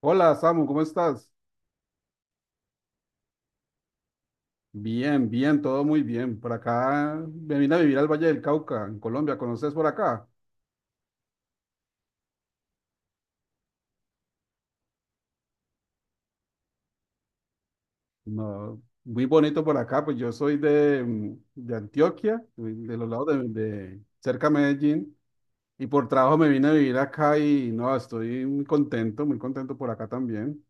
Hola, Samu, ¿cómo estás? Bien, bien, todo muy bien. Por acá me vine a vivir al Valle del Cauca, en Colombia. ¿Conoces por acá? No, muy bonito por acá, pues yo soy de, de Antioquia, de los lados de cerca a Medellín, y por trabajo me vine a vivir acá y no, estoy muy contento por acá también.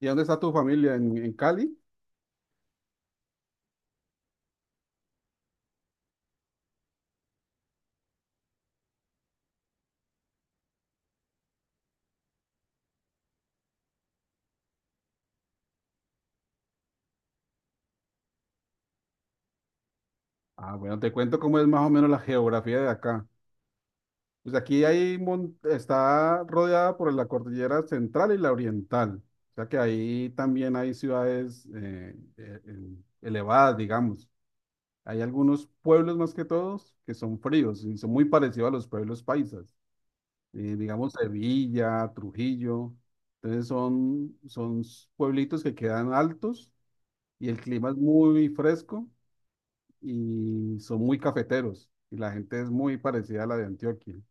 ¿Y dónde está tu familia? ¿En Cali? Ah, bueno, te cuento cómo es más o menos la geografía de acá. Pues aquí hay, está rodeada por la cordillera central y la oriental. O sea que ahí también hay ciudades elevadas, digamos. Hay algunos pueblos más que todos que son fríos y son muy parecidos a los pueblos paisas. Digamos Sevilla, Trujillo. Entonces son, pueblitos que quedan altos y el clima es muy fresco y son muy cafeteros. Y la gente es muy parecida a la de Antioquia.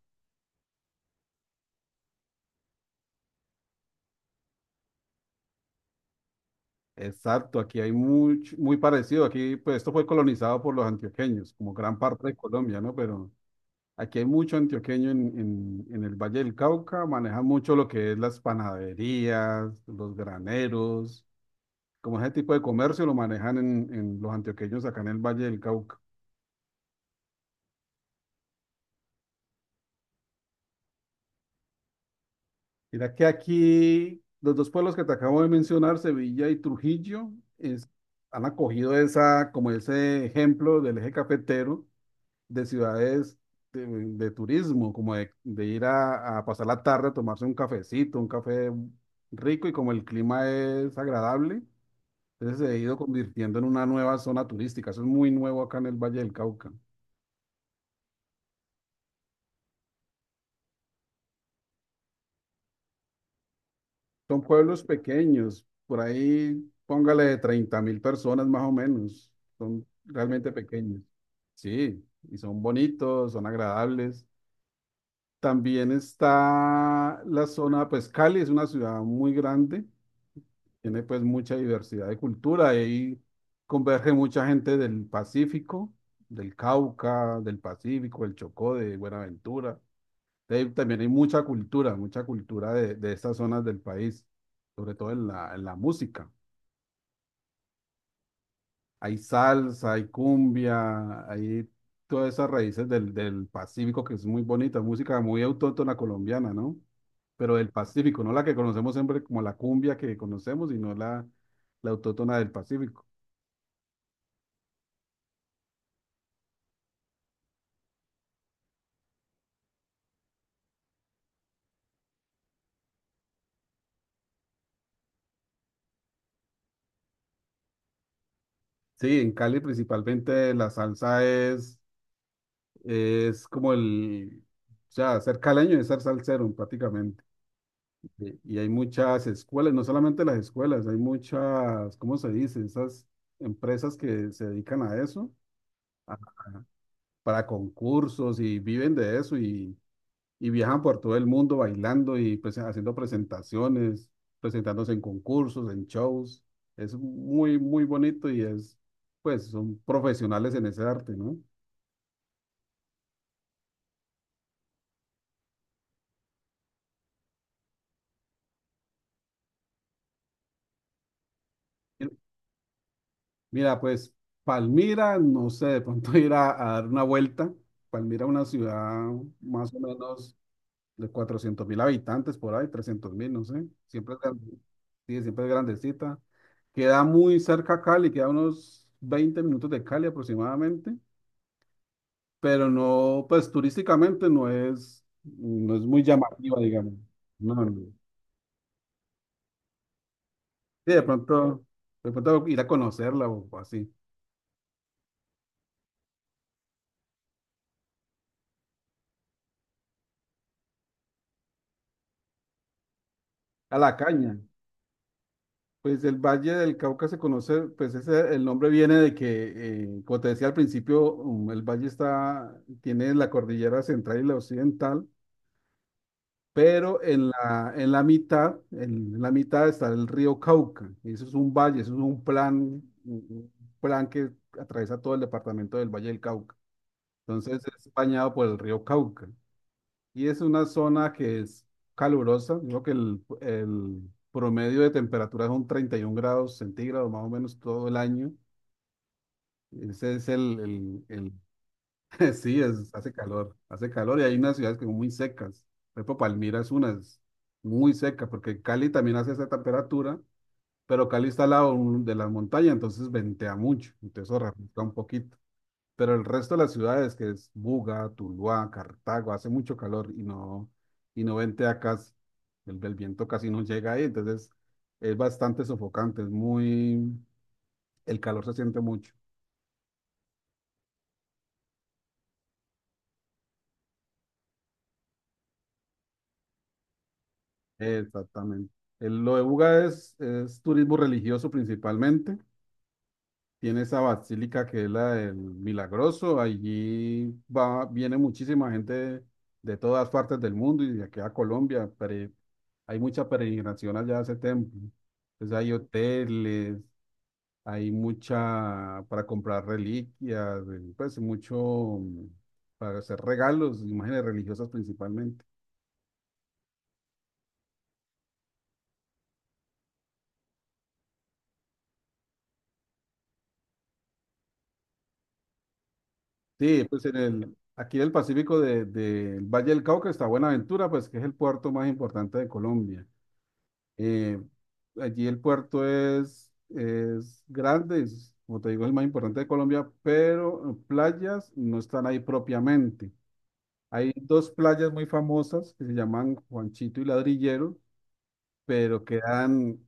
Exacto, aquí hay mucho, muy parecido. Aquí, pues esto fue colonizado por los antioqueños, como gran parte de Colombia, ¿no? Pero aquí hay mucho antioqueño en el Valle del Cauca, manejan mucho lo que es las panaderías, los graneros, como ese tipo de comercio lo manejan en los antioqueños acá en el Valle del Cauca. Mira que aquí los dos pueblos que te acabo de mencionar, Sevilla y Trujillo, es- han acogido esa, como ese ejemplo del eje cafetero de ciudades de turismo, como de ir a pasar la tarde a tomarse un cafecito, un café rico y como el clima es agradable, entonces se ha ido convirtiendo en una nueva zona turística. Eso es muy nuevo acá en el Valle del Cauca. Son pueblos pequeños, por ahí póngale 30.000 personas más o menos. Son realmente pequeños. Sí, y son bonitos, son agradables. También está la zona, pues Cali es una ciudad muy grande. Tiene pues mucha diversidad de cultura y ahí converge mucha gente del Pacífico, del Cauca, del Pacífico, del Chocó, de Buenaventura. De ahí también hay mucha cultura de estas zonas del país, sobre todo en la música. Hay salsa, hay cumbia, hay todas esas raíces del, del Pacífico que es muy bonita, música muy autóctona colombiana, ¿no? Pero del Pacífico, no la que conocemos siempre como la cumbia que conocemos, sino la, la autóctona del Pacífico. Sí, en Cali principalmente la salsa es como el, o sea, ser caleño es ser salsero prácticamente. Y hay muchas escuelas, no solamente las escuelas, hay muchas, ¿cómo se dice? Esas empresas que se dedican a eso, a- para concursos y viven de eso y viajan por todo el mundo bailando y pues, haciendo presentaciones, presentándose en concursos, en shows. Es muy, muy bonito y es, pues, son profesionales en ese arte, ¿no? Mira, pues Palmira, no sé, de pronto ir a dar una vuelta. Palmira, es una ciudad más o menos de 400.000 habitantes, por ahí, 300.000, no sé. Siempre es, sí, siempre es grandecita. Queda muy cerca a Cali, queda unos 20 minutos de Cali aproximadamente, pero no, pues turísticamente no es, no es muy llamativa, digamos. No, no. Sí, de pronto ir a conocerla o así. A la caña. Pues el Valle del Cauca se conoce, pues ese, el nombre viene de que, como te decía al principio, el valle está, tiene la cordillera central y la occidental, pero en la mitad, en la mitad está el río Cauca. Y eso es un valle, eso es un plan, un plan que atraviesa todo el departamento del Valle del Cauca. Entonces es bañado por el río Cauca. Y es una zona que es calurosa. Digo que el promedio de temperatura son 31 grados centígrados más o menos todo el año. Ese es el, sí, es, hace calor y hay unas ciudades que son muy secas. Por ejemplo, Palmira es una, es muy seca, porque Cali también hace esa temperatura, pero Cali está al lado de la montaña, entonces ventea mucho, entonces eso refresca un poquito. Pero el resto de las ciudades, que es Buga, Tuluá, Cartago, hace mucho calor y no ventea acá, el viento casi no llega ahí, entonces es bastante sofocante, es muy, el calor se siente mucho. Exactamente. Lo de Buga es turismo religioso principalmente. Tiene esa basílica que es la del Milagroso. Allí va, viene muchísima gente de todas partes del mundo y de aquí a Colombia. Hay mucha peregrinación allá a ese templo. Pues hay hoteles, hay mucha para comprar reliquias, pues mucho mm, para hacer regalos, imágenes religiosas principalmente. Sí, pues en el, aquí en el Pacífico del Valle del Cauca está Buenaventura, pues que es el puerto más importante de Colombia. Eh, Allí el puerto es grande, es, como te digo, es el más importante de Colombia, pero playas no están ahí propiamente. Hay dos playas muy famosas que se llaman Juanchito y Ladrillero, pero quedan,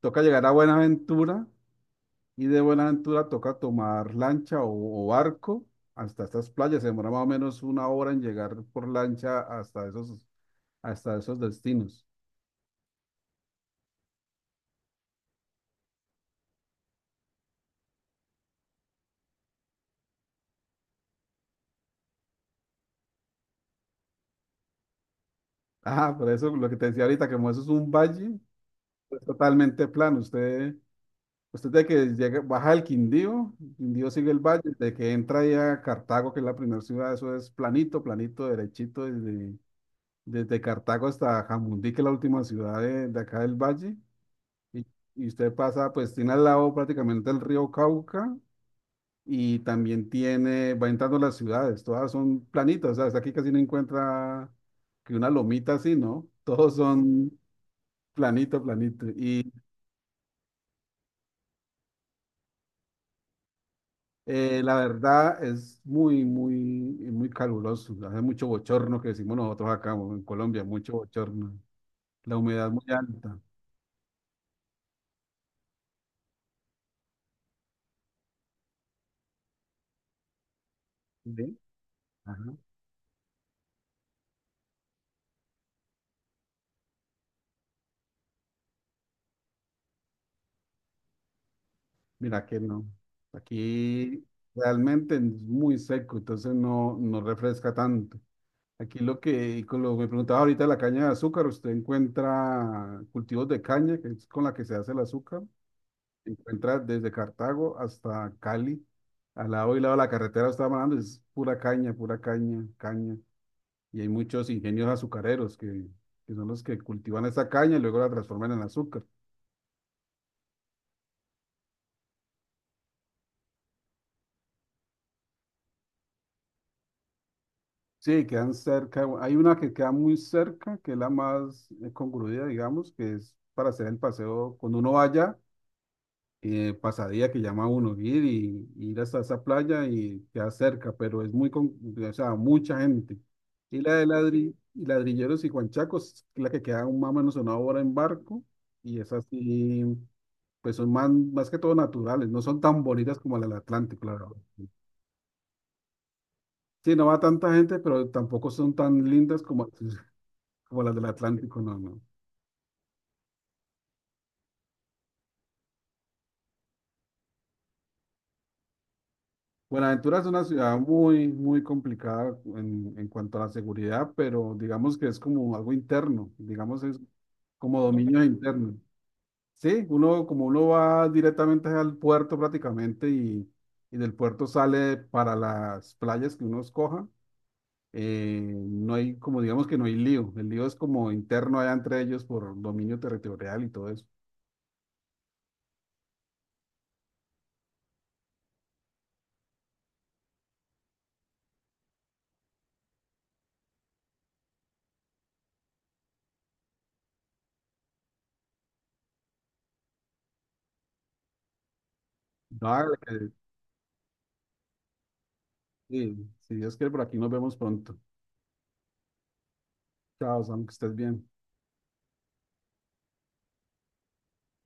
toca llegar a Buenaventura y de Buenaventura toca tomar lancha o barco hasta estas playas. Se demora más o menos una hora en llegar por lancha hasta esos destinos. Ah, por eso lo que te decía ahorita, que como eso es un valle, es totalmente plano. Usted de que llega, baja el Quindío, Quindío sigue el valle, de que entra ya a Cartago, que es la primera ciudad, eso es planito, planito, derechito, desde Cartago hasta Jamundí, que es la última ciudad de acá del valle. Y, y usted pasa, pues tiene al lado prácticamente el río Cauca y también tiene, va entrando las ciudades, todas son planitas, o sea, hasta aquí casi no encuentra que una lomita así, ¿no? Todos son planito, planito. La verdad es muy, muy, muy caluroso. Hace mucho bochorno que decimos nosotros acá en Colombia, mucho bochorno. La humedad muy alta. ¿Sí? Ajá. Mira que no. Aquí realmente es muy seco, entonces no, no refresca tanto. Aquí lo que, con lo que me preguntaba ahorita, la caña de azúcar, usted encuentra cultivos de caña, que es con la que se hace el azúcar. Se encuentra desde Cartago hasta Cali, al lado y lado de la carretera, estaba hablando, es pura caña, caña. Y hay muchos ingenios azucareros que son los que cultivan esa caña y luego la transforman en azúcar. Sí, quedan cerca, hay una que queda muy cerca, que es la más congruida, digamos, que es para hacer el paseo. Cuando uno vaya pasadía que llama a uno ir y ir hasta esa playa y queda cerca, pero es muy, con, o sea, mucha gente. Y la de y Ladrilleros y Juanchacos, que es la que queda un más o menos una hora en barco, y esas sí, pues son más, más que todo naturales, no son tan bonitas como la del Atlántico, claro. Sí, no va tanta gente, pero tampoco son tan lindas como, como las del Atlántico, no, no. Buenaventura es una ciudad muy, muy complicada en cuanto a la seguridad, pero digamos que es como algo interno, digamos es como dominio interno. Sí, uno como uno va directamente al puerto prácticamente y del puerto sale para las playas que uno escoja, no hay como digamos que no hay lío, el lío es como interno allá entre ellos por dominio territorial y todo eso. Dale, sí, si Dios quiere, por aquí nos vemos pronto. Chao, Sam, que estés bien.